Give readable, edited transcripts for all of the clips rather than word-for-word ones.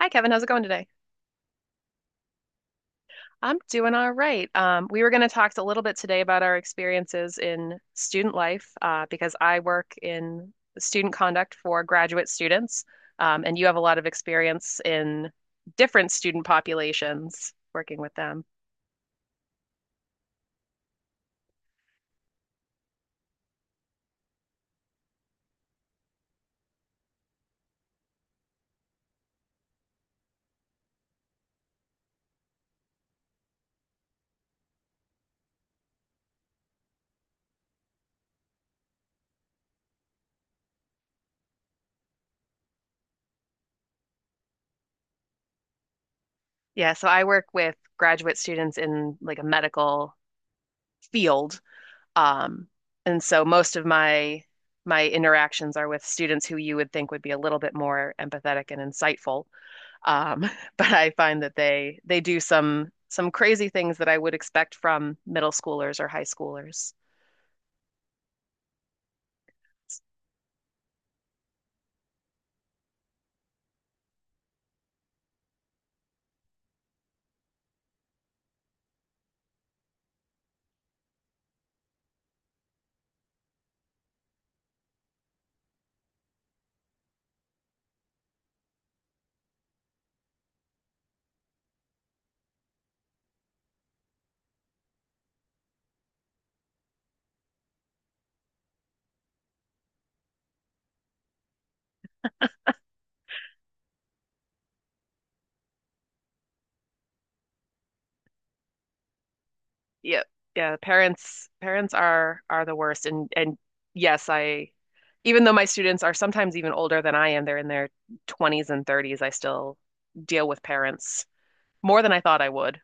Hi, Kevin. How's it going today? I'm doing all right. We were going to talk a little bit today about our experiences in student life because I work in student conduct for graduate students, and you have a lot of experience in different student populations working with them. Yeah, so I work with graduate students in like a medical field, um, and so most of my interactions are with students who you would think would be a little bit more empathetic and insightful. Um, but I find that they do some crazy things that I would expect from middle schoolers or high schoolers. Yep. Yeah, parents are the worst, and yes, I, even though my students are sometimes even older than I am, they're in their 20s and 30s, I still deal with parents more than I thought I would.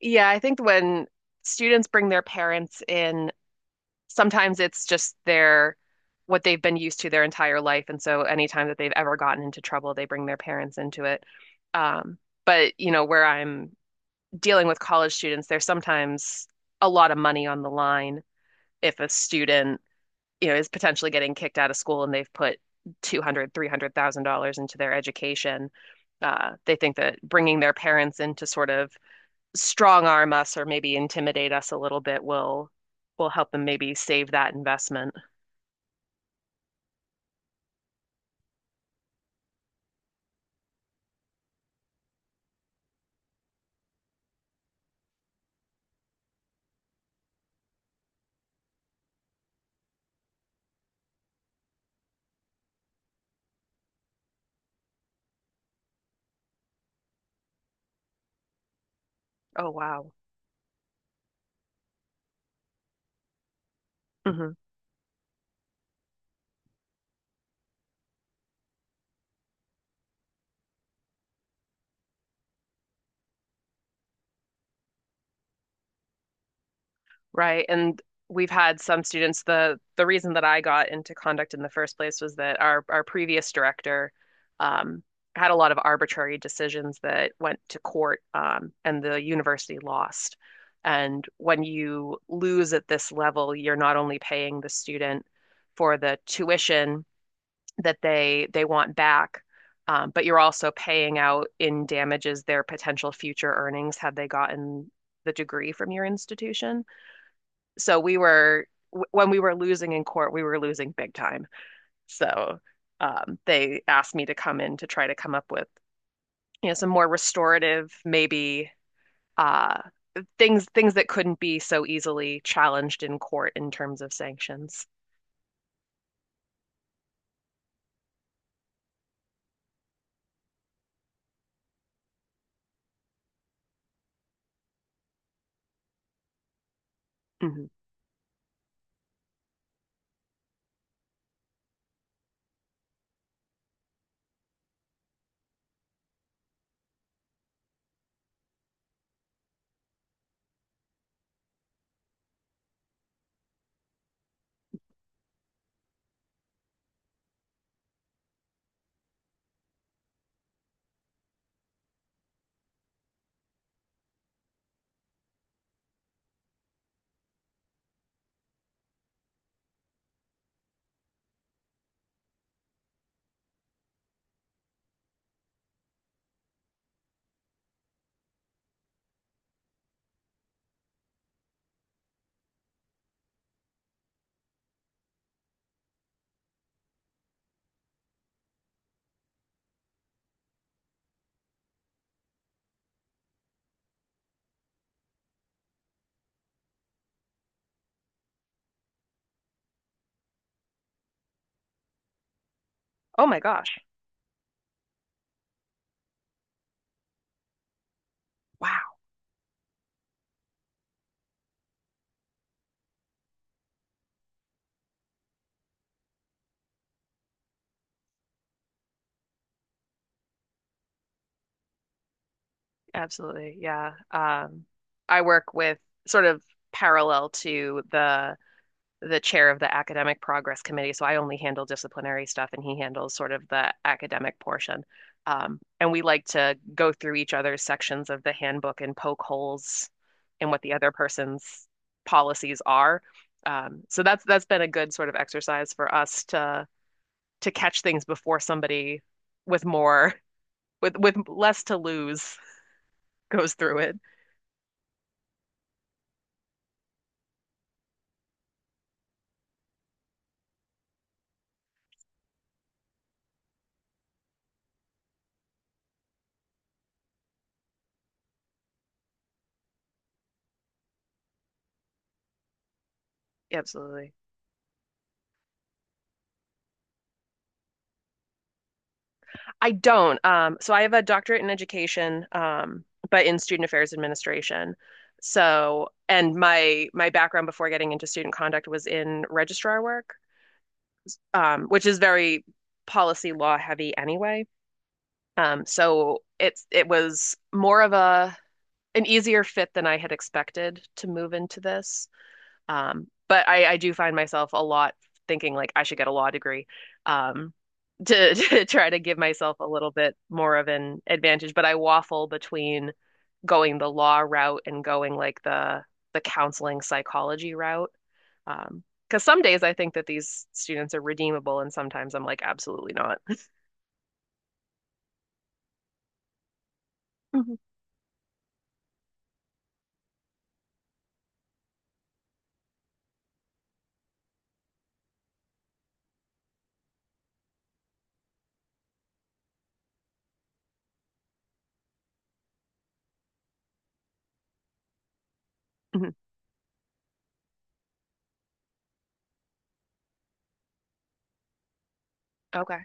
Yeah, I think when students bring their parents in, sometimes it's just their, what they've been used to their entire life, and so anytime that they've ever gotten into trouble, they bring their parents into it. Um, but where I'm dealing with college students, there's sometimes a lot of money on the line if a student is potentially getting kicked out of school and they've put 200, $300,000 into their education. They think that bringing their parents in to sort of strong arm us or maybe intimidate us a little bit will help them maybe save that investment. Oh wow. hmm Right. And we've had some students. The reason that I got into conduct in the first place was that our previous director um, had a lot of arbitrary decisions that went to court, and the university lost. And when you lose at this level, you're not only paying the student for the tuition that they want back, but you're also paying out in damages their potential future earnings had they gotten the degree from your institution. So we were when we were losing in court, we were losing big time. So they asked me to come in to try to come up with some more restorative, maybe uh, things that couldn't be so easily challenged in court in terms of sanctions. Mhm. Oh my gosh. Wow. Absolutely. Yeah. I work with sort of parallel to the chair of the academic progress committee, so I only handle disciplinary stuff and he handles sort of the academic portion. And we like to go through each other's sections of the handbook and poke holes in what the other person's policies are. So that's been a good sort of exercise for us to catch things before somebody with more, with less to lose, goes through it. Absolutely. I don't. So I have a doctorate in education, but in student affairs administration. So, and my background before getting into student conduct was in registrar work, which is very policy law heavy anyway. It was more of a, an easier fit than I had expected to move into this. But I do find myself a lot thinking like I should get a law degree, um, to to try to give myself a little bit more of an advantage. But I waffle between going the law route and going like the counseling psychology route. Um, because some days I think that these students are redeemable, and sometimes I'm like, absolutely not. hmm hmm Okay.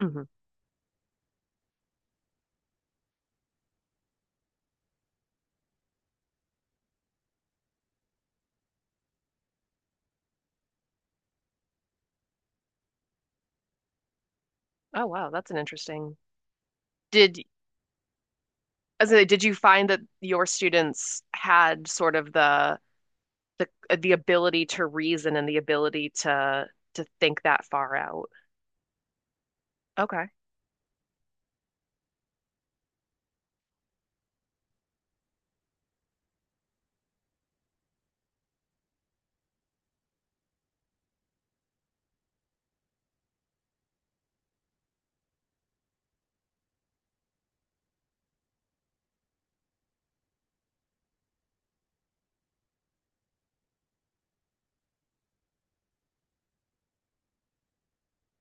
hmm Oh, wow, that's an interesting. Did, as in, did you find that your students had sort of the the ability to reason and the ability to think that far out. Okay.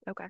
Okay.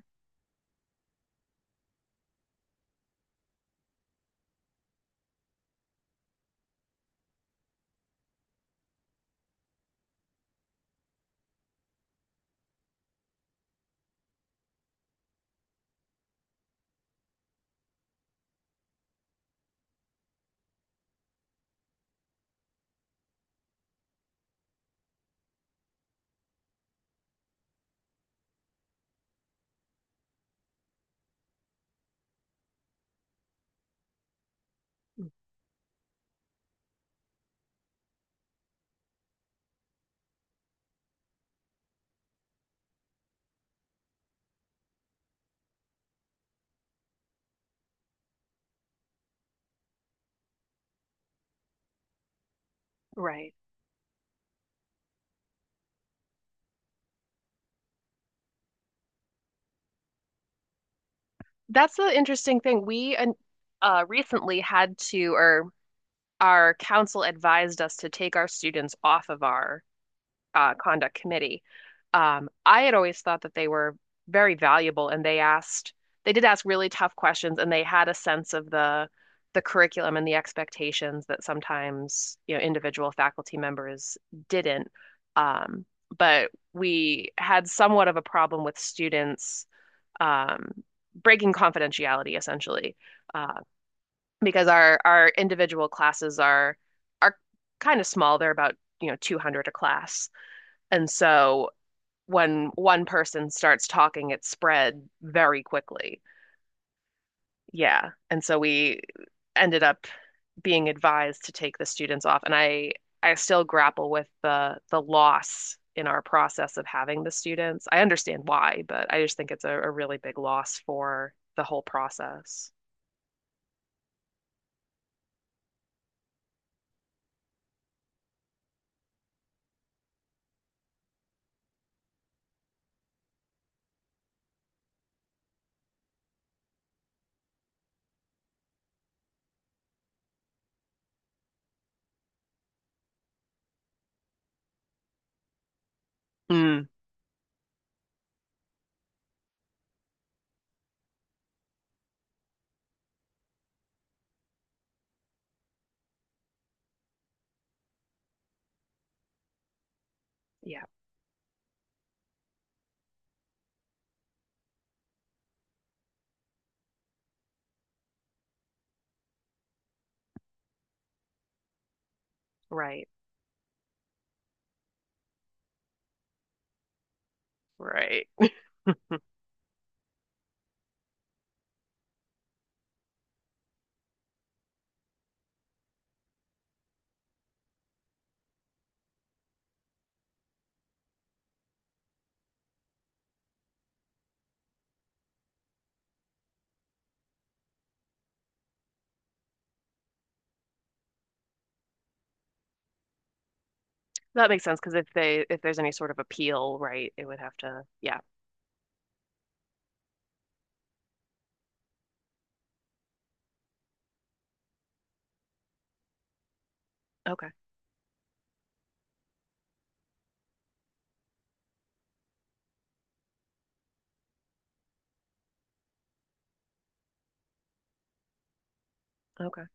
Right. That's the interesting thing. We recently had to, or our council advised us to take our students off of our conduct committee. I had always thought that they were very valuable, and they asked, they did ask really tough questions, and they had a sense of the curriculum and the expectations that sometimes, you know, individual faculty members didn't. Um, but we had somewhat of a problem with students um, breaking confidentiality essentially, uh, because our individual classes are kind of small. They're about, you know, 200 a class, and so when one person starts talking, it spread very quickly. Yeah. And so we ended up being advised to take the students off. And I still grapple with the loss in our process of having the students. I understand why, but I just think it's a really big loss for the whole process. Mm. Yeah, right, right. That makes sense, because if they, if there's any sort of appeal, right, it would have to, yeah. Okay, okay.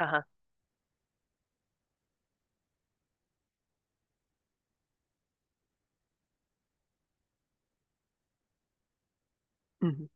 Uh-huh. Mhm.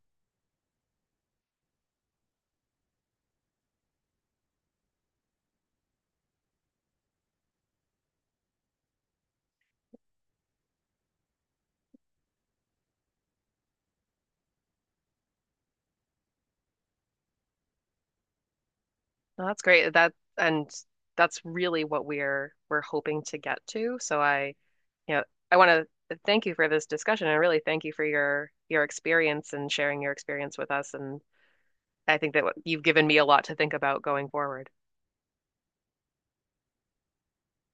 Well, that's great. That, and that's really what we're hoping to get to. So I, you know, I want to thank you for this discussion and really thank you for your experience and sharing your experience with us. And I think that what- you've given me a lot to think about going forward.